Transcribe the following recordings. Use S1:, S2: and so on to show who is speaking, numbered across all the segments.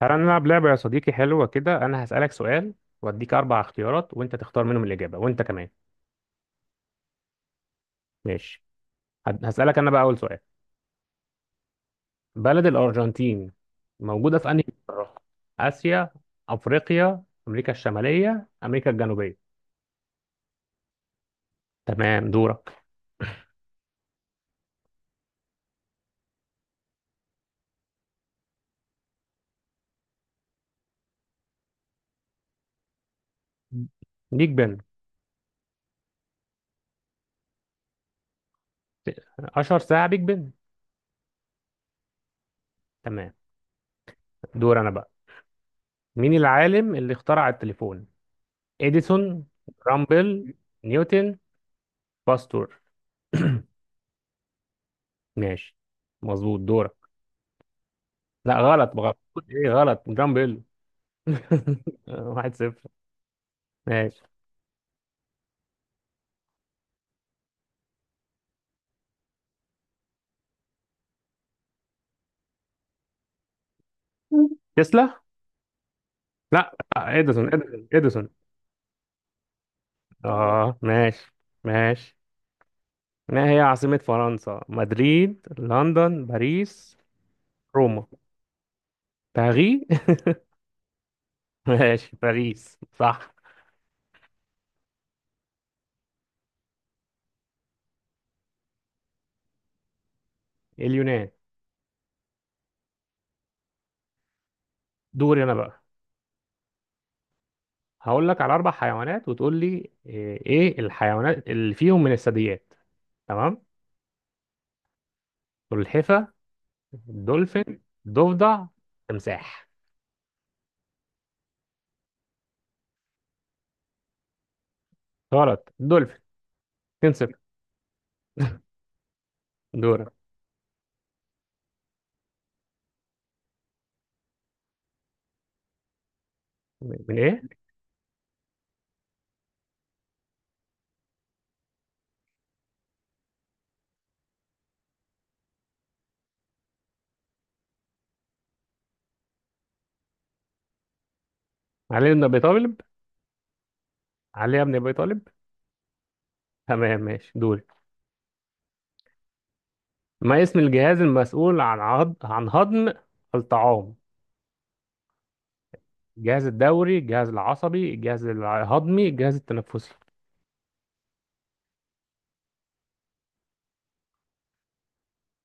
S1: تعالى نلعب لعبة يا صديقي، حلوة كده. أنا هسألك سؤال وأديك أربع اختيارات وأنت تختار منهم الإجابة وأنت كمان. ماشي. هسألك أنا بقى أول سؤال. بلد الأرجنتين موجودة في أنهي قارة؟ آسيا، أفريقيا، أمريكا الشمالية، أمريكا الجنوبية. تمام، دورك. بيج بن. أشهر ساعة بيج بن. تمام. دور أنا بقى. مين العالم اللي اخترع التليفون؟ إديسون، رامبل، نيوتن، باستور. ماشي. مظبوط، دورك. لا غلط بغلط. ايه غلط، جامب بيل. واحد صفر. ماشي. تسلا، لا اديسون اديسون اديسون. اه ماشي. ماشي. ما هي عاصمة فرنسا؟ مدريد، لندن، باريس، روما، باري. ماشي، باريس صح. اليونان. دوري انا بقى. هقول لك على اربع حيوانات وتقول لي إيه الحيوانات اللي فيهم من الثدييات. تمام. سلحفة، دولفين، ضفدع، تمساح. غلط، دولفين. 2. دورك. من ايه؟ علي بن ابي طالب، علي بن ابي طالب. تمام، ماشي دوري. ما اسم الجهاز المسؤول عن عن هضم الطعام؟ الجهاز الدوري، الجهاز العصبي، الجهاز الهضمي، الجهاز التنفسي.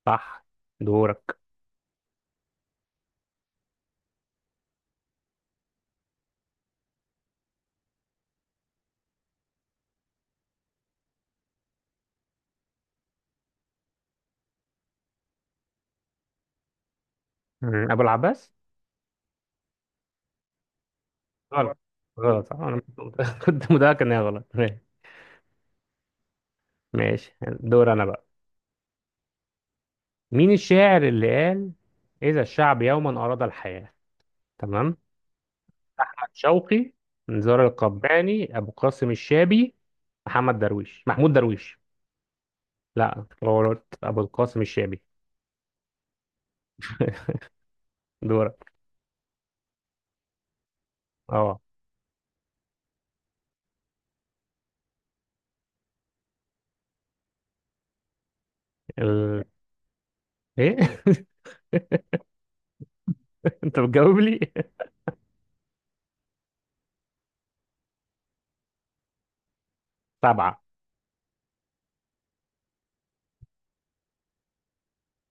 S1: صح، دورك. مم. ابو العباس. غلط. غلط، صح. انا كنت كنت متاكد انها غلط. ماشي. ماشي. دور انا بقى. مين الشاعر اللي قال: اذا الشعب يوما اراد الحياة؟ تمام. احمد شوقي، نزار القباني، ابو قاسم الشابي، محمد درويش، محمود درويش. لا غلط، ابو القاسم الشامي. دورك. اه. ال... ايه. انت بتجاوب لي. سبعة.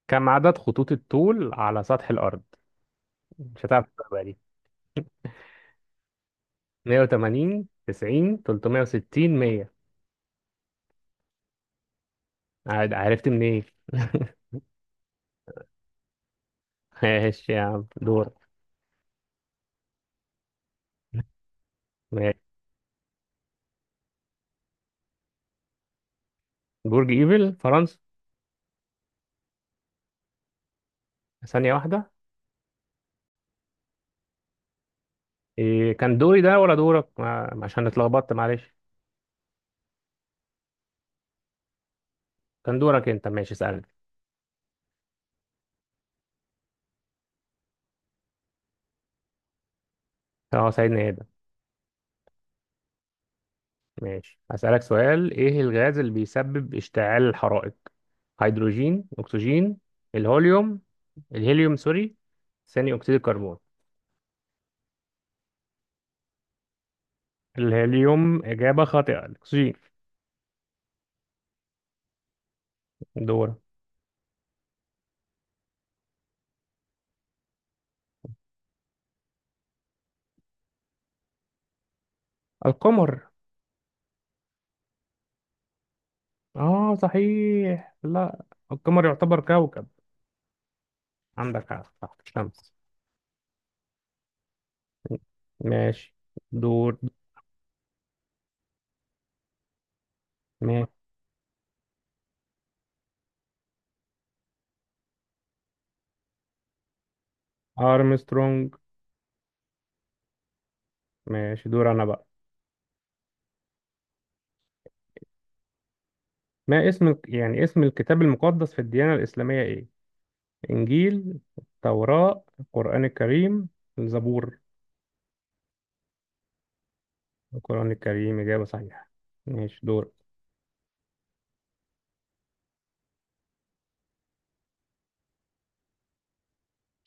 S1: كم عدد خطوط الطول على سطح الارض؟ مش هتعرف تجاوبها دي. 180، 90، 360، 100. عرفت منين. ايه ماشي يا عم دور. ماشي. برج ايفل، فرنسا. ثانية واحدة. إيه كان دوري ده ولا دورك؟ ما... عشان اتلخبطت، معلش. كان دورك انت، ماشي، اسألني. اه سيدنا ايه. ماشي، هسألك سؤال. ايه الغاز اللي بيسبب اشتعال الحرائق؟ هيدروجين، اكسجين، الهوليوم، الهيليوم سوري، ثاني اكسيد الكربون. الهيليوم اجابة خاطئة، الاكسجين. دورة. القمر. اه صحيح، لا القمر يعتبر كوكب. عندك حق، صح، الشمس. ماشي دور. ماشي. ارمسترونج. ماشي، دور انا بقى. ما اسم اسم الكتاب المقدس في الديانة الإسلامية ايه؟ إنجيل، التوراة، القرآن الكريم، الزبور. القرآن الكريم إجابة صحيحة. ماشي دور.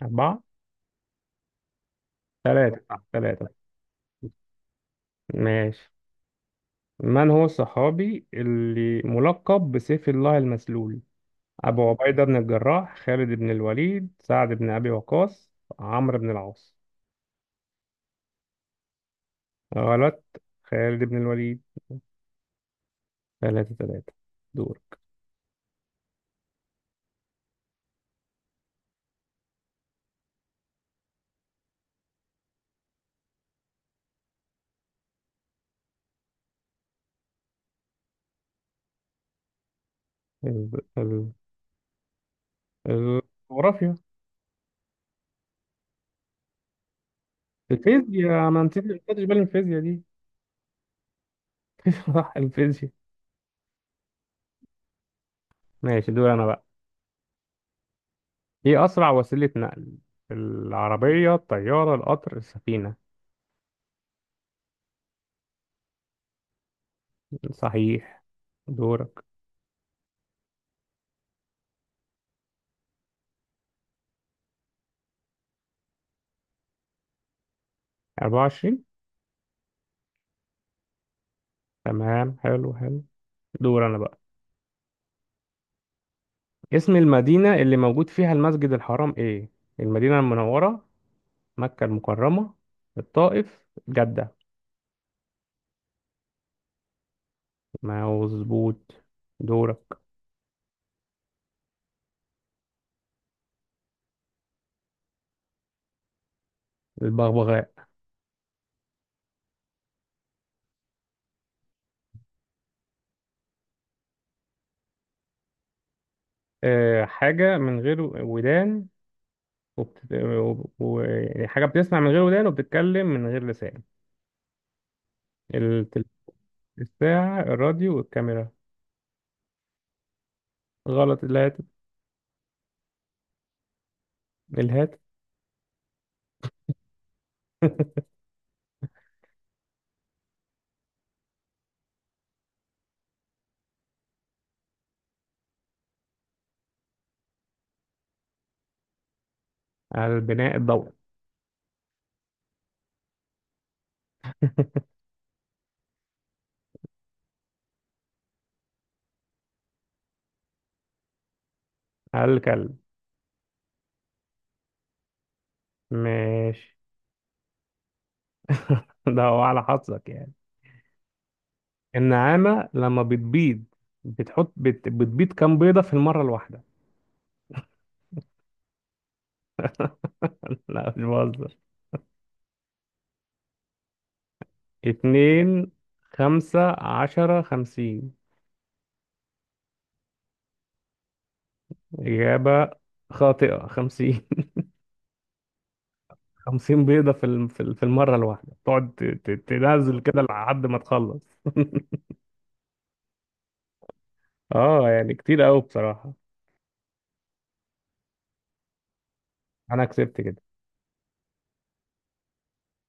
S1: أربعة. ثلاثة ثلاثة. ماشي. من هو الصحابي اللي ملقب بسيف الله المسلول؟ أبو عبيدة بن الجراح، خالد بن الوليد، سعد بن أبي وقاص، عمرو بن العاص. غلط، خالد بن الوليد. ثلاثة ثلاثة. دور. ال- ال- الجغرافيا. الفيزياء. ما نسيت، ما خدتش بالي من الفيزياء دي. صح، الفيزياء. ماشي، دول انا بقى. ايه اسرع وسيلة نقل؟ العربية، الطيارة، القطر، السفينة. صحيح، دورك. 24. تمام، حلو حلو. دور انا بقى. اسم المدينة اللي موجود فيها المسجد الحرام ايه؟ المدينة المنورة، مكة المكرمة، الطائف، جدة. مظبوط، دورك. البغبغاء. أه، حاجة من غير ودان يعني حاجة بتسمع من غير ودان وبتتكلم من غير لسان. التليفون، الساعة، الراديو والكاميرا. غلط، الهاتف. الهاتف. على البناء الضوئي. على الكلب. ماشي. ده هو على حظك يعني. النعامة لما بتبيض بتبيض كام بيضة في المرة الواحدة. لا، مش بهزر. اتنين، خمسة، عشرة، خمسين. إجابة خاطئة، خمسين. خمسين بيضة في المرة الواحدة تقعد تنزل كده لحد ما تخلص. اه يعني كتير قوي بصراحة. انا كسبت كده.